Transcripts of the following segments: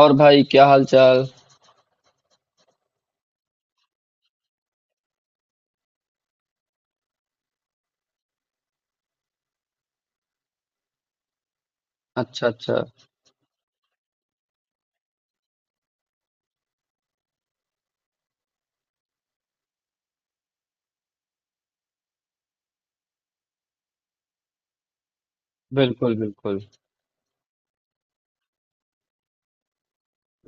और भाई क्या हाल चाल। अच्छा अच्छा। बिल्कुल बिल्कुल।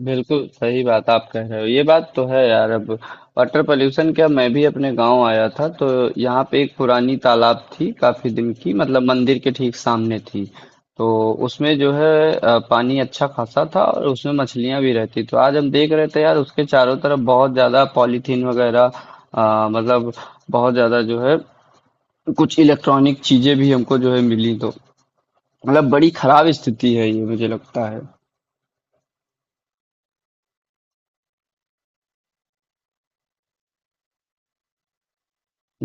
बिल्कुल सही बात आप कह रहे हो, ये बात तो है यार। अब वाटर पोल्यूशन क्या, मैं भी अपने गांव आया था तो यहाँ पे एक पुरानी तालाब थी, काफी दिन की, मतलब मंदिर के ठीक सामने थी। तो उसमें जो है पानी अच्छा खासा था और उसमें मछलियां भी रहती। तो आज हम देख रहे थे यार उसके चारों तरफ बहुत ज्यादा पॉलीथीन वगैरह, मतलब बहुत ज्यादा जो है कुछ इलेक्ट्रॉनिक चीजें भी हमको जो है मिली। तो मतलब बड़ी खराब स्थिति है, ये मुझे लगता है।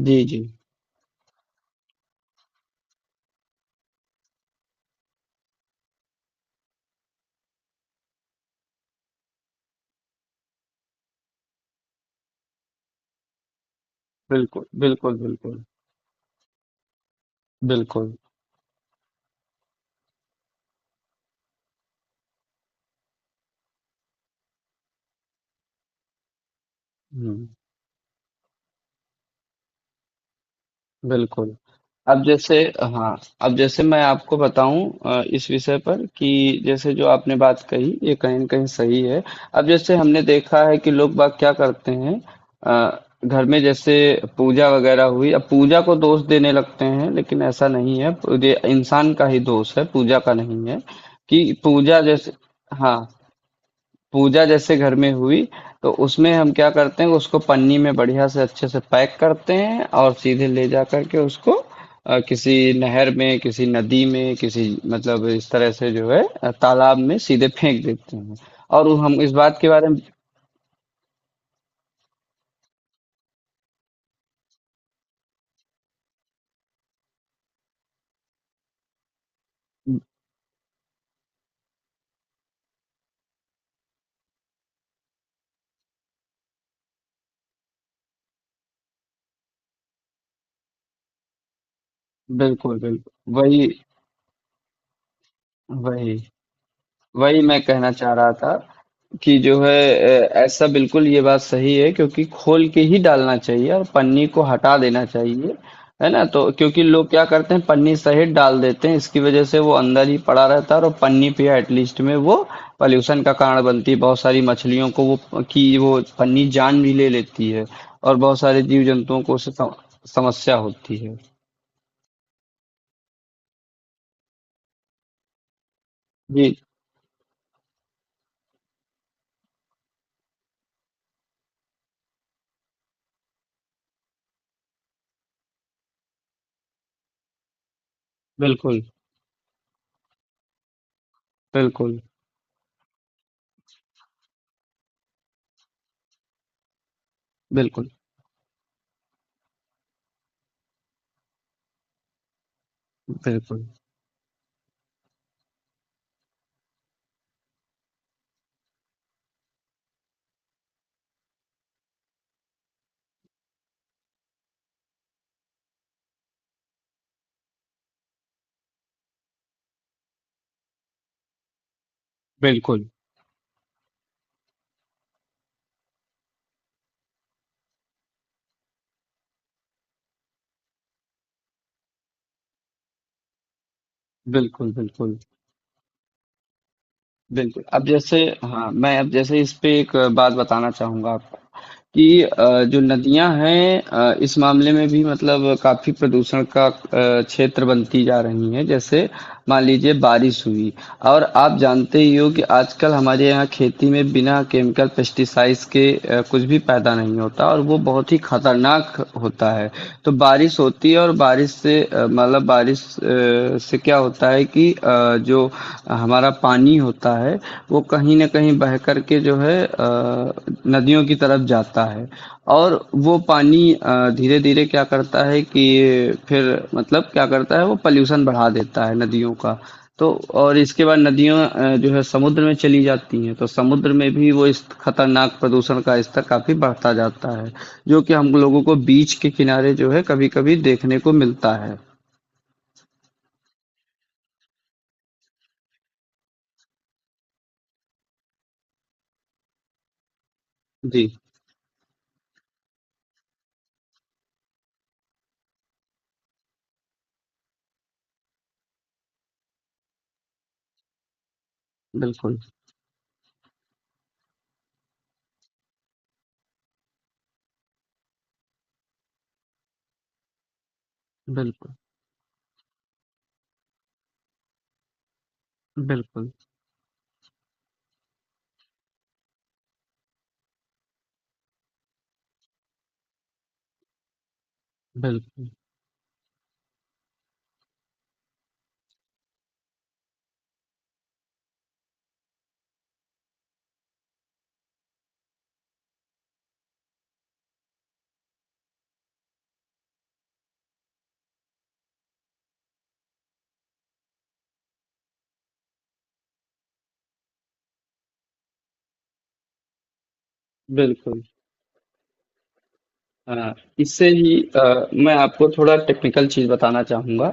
जी जी। बिल्कुल बिल्कुल। बिल्कुल बिल्कुल। हम्म। बिल्कुल। अब जैसे, हाँ, अब जैसे मैं आपको बताऊं इस विषय पर, कि जैसे जो आपने बात कही ये कहीं न कहीं सही है। अब जैसे हमने देखा है कि लोग बाग क्या करते हैं, घर में जैसे पूजा वगैरह हुई, अब पूजा को दोष देने लगते हैं, लेकिन ऐसा नहीं है। ये इंसान का ही दोष है, पूजा का नहीं है। कि पूजा जैसे, हाँ, पूजा जैसे घर में हुई तो उसमें हम क्या करते हैं, उसको पन्नी में बढ़िया से अच्छे से पैक करते हैं और सीधे ले जा करके उसको किसी नहर में, किसी नदी में, किसी मतलब इस तरह से जो है तालाब में सीधे फेंक देते हैं। और हम इस बात के बारे में, बिल्कुल बिल्कुल। वही वही। वही मैं कहना चाह रहा था कि जो है, ऐसा बिल्कुल ये बात सही है, क्योंकि खोल के ही डालना चाहिए और पन्नी को हटा देना चाहिए। है ना? तो क्योंकि लोग क्या करते हैं पन्नी सहित डाल देते हैं, इसकी वजह से वो अंदर ही पड़ा रहता है और पन्नी पे एटलीस्ट में वो पॉल्यूशन का कारण बनती है। बहुत सारी मछलियों को वो, की वो पन्नी जान भी ले लेती है। और बहुत सारे जीव जंतुओं को उससे समस्या होती है। जी। बिल्कुल बिल्कुल। बिल्कुल बिल्कुल। बिल्कुल बिल्कुल। बिल्कुल बिल्कुल। अब जैसे, हाँ, मैं अब जैसे इस पे एक बात बताना चाहूंगा आपको, कि जो नदियां हैं इस मामले में भी मतलब काफी प्रदूषण का क्षेत्र बनती जा रही हैं। जैसे मान लीजिए बारिश हुई, और आप जानते ही हो कि आजकल हमारे यहाँ खेती में बिना केमिकल पेस्टिसाइड्स के कुछ भी पैदा नहीं होता और वो बहुत ही खतरनाक होता है। तो बारिश होती है और बारिश से, मतलब बारिश से क्या होता है कि जो हमारा पानी होता है वो कहीं न कहीं बह कर के जो है नदियों की तरफ जाता है, और वो पानी धीरे-धीरे क्या करता है कि फिर मतलब क्या करता है, वो पॉल्यूशन बढ़ा देता है नदियों का। तो और इसके बाद नदियाँ जो है समुद्र में चली जाती हैं, तो समुद्र में भी वो इस खतरनाक प्रदूषण का स्तर काफ़ी बढ़ता जाता है, जो कि हम लोगों को बीच के किनारे जो है कभी-कभी देखने को मिलता है। जी, बिल्कुल, बिल्कुल, बिल्कुल, बिल्कुल, बिल्कुल। अ, इससे ही, मैं आपको थोड़ा टेक्निकल चीज बताना चाहूंगा।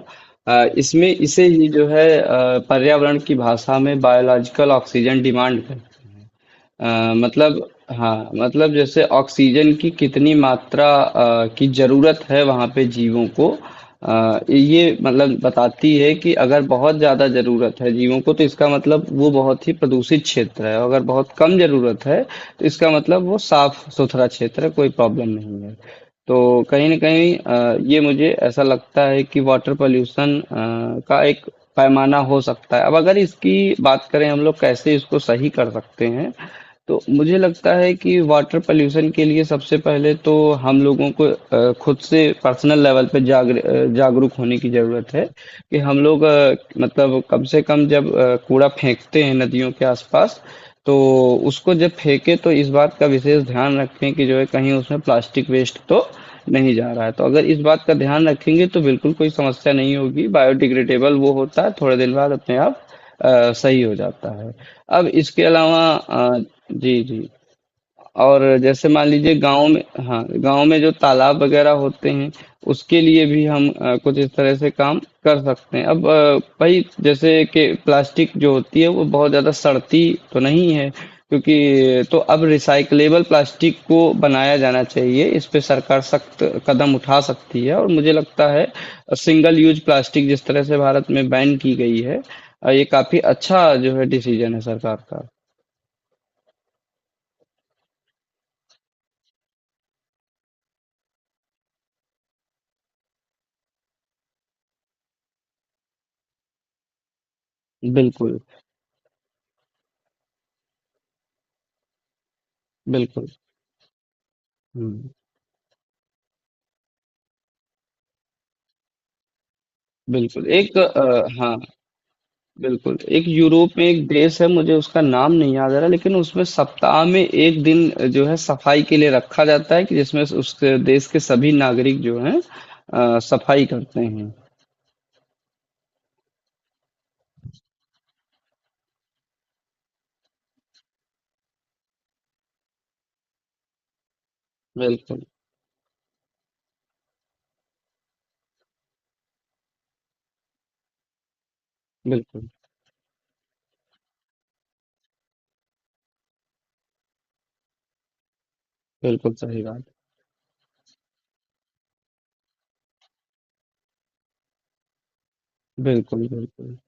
इसमें इसे ही जो है पर्यावरण की भाषा में बायोलॉजिकल ऑक्सीजन डिमांड है। मतलब, हाँ, मतलब जैसे ऑक्सीजन की कितनी मात्रा की जरूरत है वहाँ पे जीवों को, ये मतलब बताती है कि अगर बहुत ज्यादा जरूरत है जीवों को तो इसका मतलब वो बहुत ही प्रदूषित क्षेत्र है, अगर बहुत कम जरूरत है तो इसका मतलब वो साफ सुथरा क्षेत्र है, कोई प्रॉब्लम नहीं है। तो कहीं न कहीं ये मुझे ऐसा लगता है कि वाटर पॉल्यूशन का एक पैमाना हो सकता है। अब अगर इसकी बात करें हम लोग कैसे इसको सही कर सकते हैं, तो मुझे लगता है कि वाटर पॉल्यूशन के लिए सबसे पहले तो हम लोगों को खुद से पर्सनल लेवल पे जागरूक होने की ज़रूरत है, कि हम लोग, मतलब कम से कम जब कूड़ा फेंकते हैं नदियों के आसपास तो उसको जब फेंके तो इस बात का विशेष ध्यान रखें कि जो है कहीं उसमें प्लास्टिक वेस्ट तो नहीं जा रहा है। तो अगर इस बात का ध्यान रखेंगे तो बिल्कुल कोई समस्या नहीं होगी, बायोडिग्रेडेबल वो होता है थोड़े दिन बाद अपने आप सही हो जाता है। अब इसके अलावा, जी जी, और जैसे मान लीजिए गाँव में, हाँ, गाँव में जो तालाब वगैरह होते हैं उसके लिए भी हम कुछ इस तरह से काम कर सकते हैं। अब भाई जैसे कि प्लास्टिक जो होती है वो बहुत ज़्यादा सड़ती तो नहीं है, क्योंकि, तो अब रिसाइकलेबल प्लास्टिक को बनाया जाना चाहिए, इस पे सरकार सख्त कदम उठा सकती है। और मुझे लगता है सिंगल यूज प्लास्टिक जिस तरह से भारत में बैन की गई है, ये काफ़ी अच्छा जो है डिसीजन है सरकार का। बिल्कुल बिल्कुल। हम्म। बिल्कुल एक, हाँ, बिल्कुल एक यूरोप में एक देश है, मुझे उसका नाम नहीं याद आ रहा, लेकिन उसमें सप्ताह में एक दिन जो है सफाई के लिए रखा जाता है, कि जिसमें उस देश के सभी नागरिक जो हैं सफाई करते हैं। बिल्कुल बिल्कुल। बिल्कुल सही बात। बिल्कुल बिल्कुल।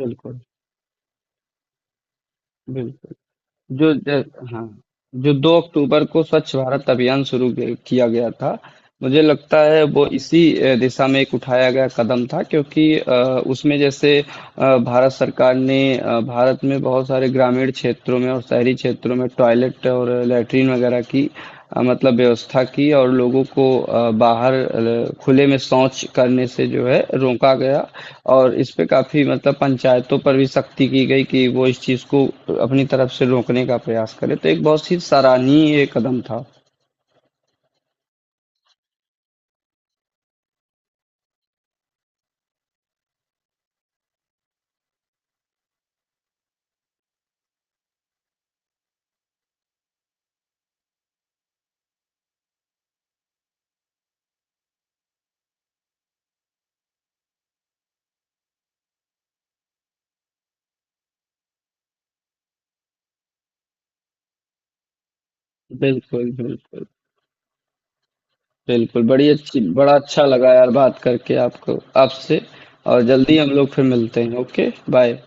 बिल्कुल बिल्कुल। जो ज- हाँ, जो 2 अक्टूबर को स्वच्छ भारत अभियान किया गया था, मुझे लगता है वो इसी दिशा में एक उठाया गया कदम था। क्योंकि उसमें जैसे, भारत सरकार ने भारत में बहुत सारे ग्रामीण क्षेत्रों में और शहरी क्षेत्रों में टॉयलेट और लैट्रीन वगैरह की मतलब व्यवस्था की, और लोगों को बाहर खुले में शौच करने से जो है रोका गया। और इस पे काफी मतलब पंचायतों पर भी सख्ती की गई कि वो इस चीज को अपनी तरफ से रोकने का प्रयास करें, तो एक बहुत ही सराहनीय कदम था। बिल्कुल बिल्कुल। बिल्कुल बड़ी अच्छी, बड़ा अच्छा लगा यार बात करके आपको, आपसे, और जल्दी हम लोग फिर मिलते हैं। Okay, bye.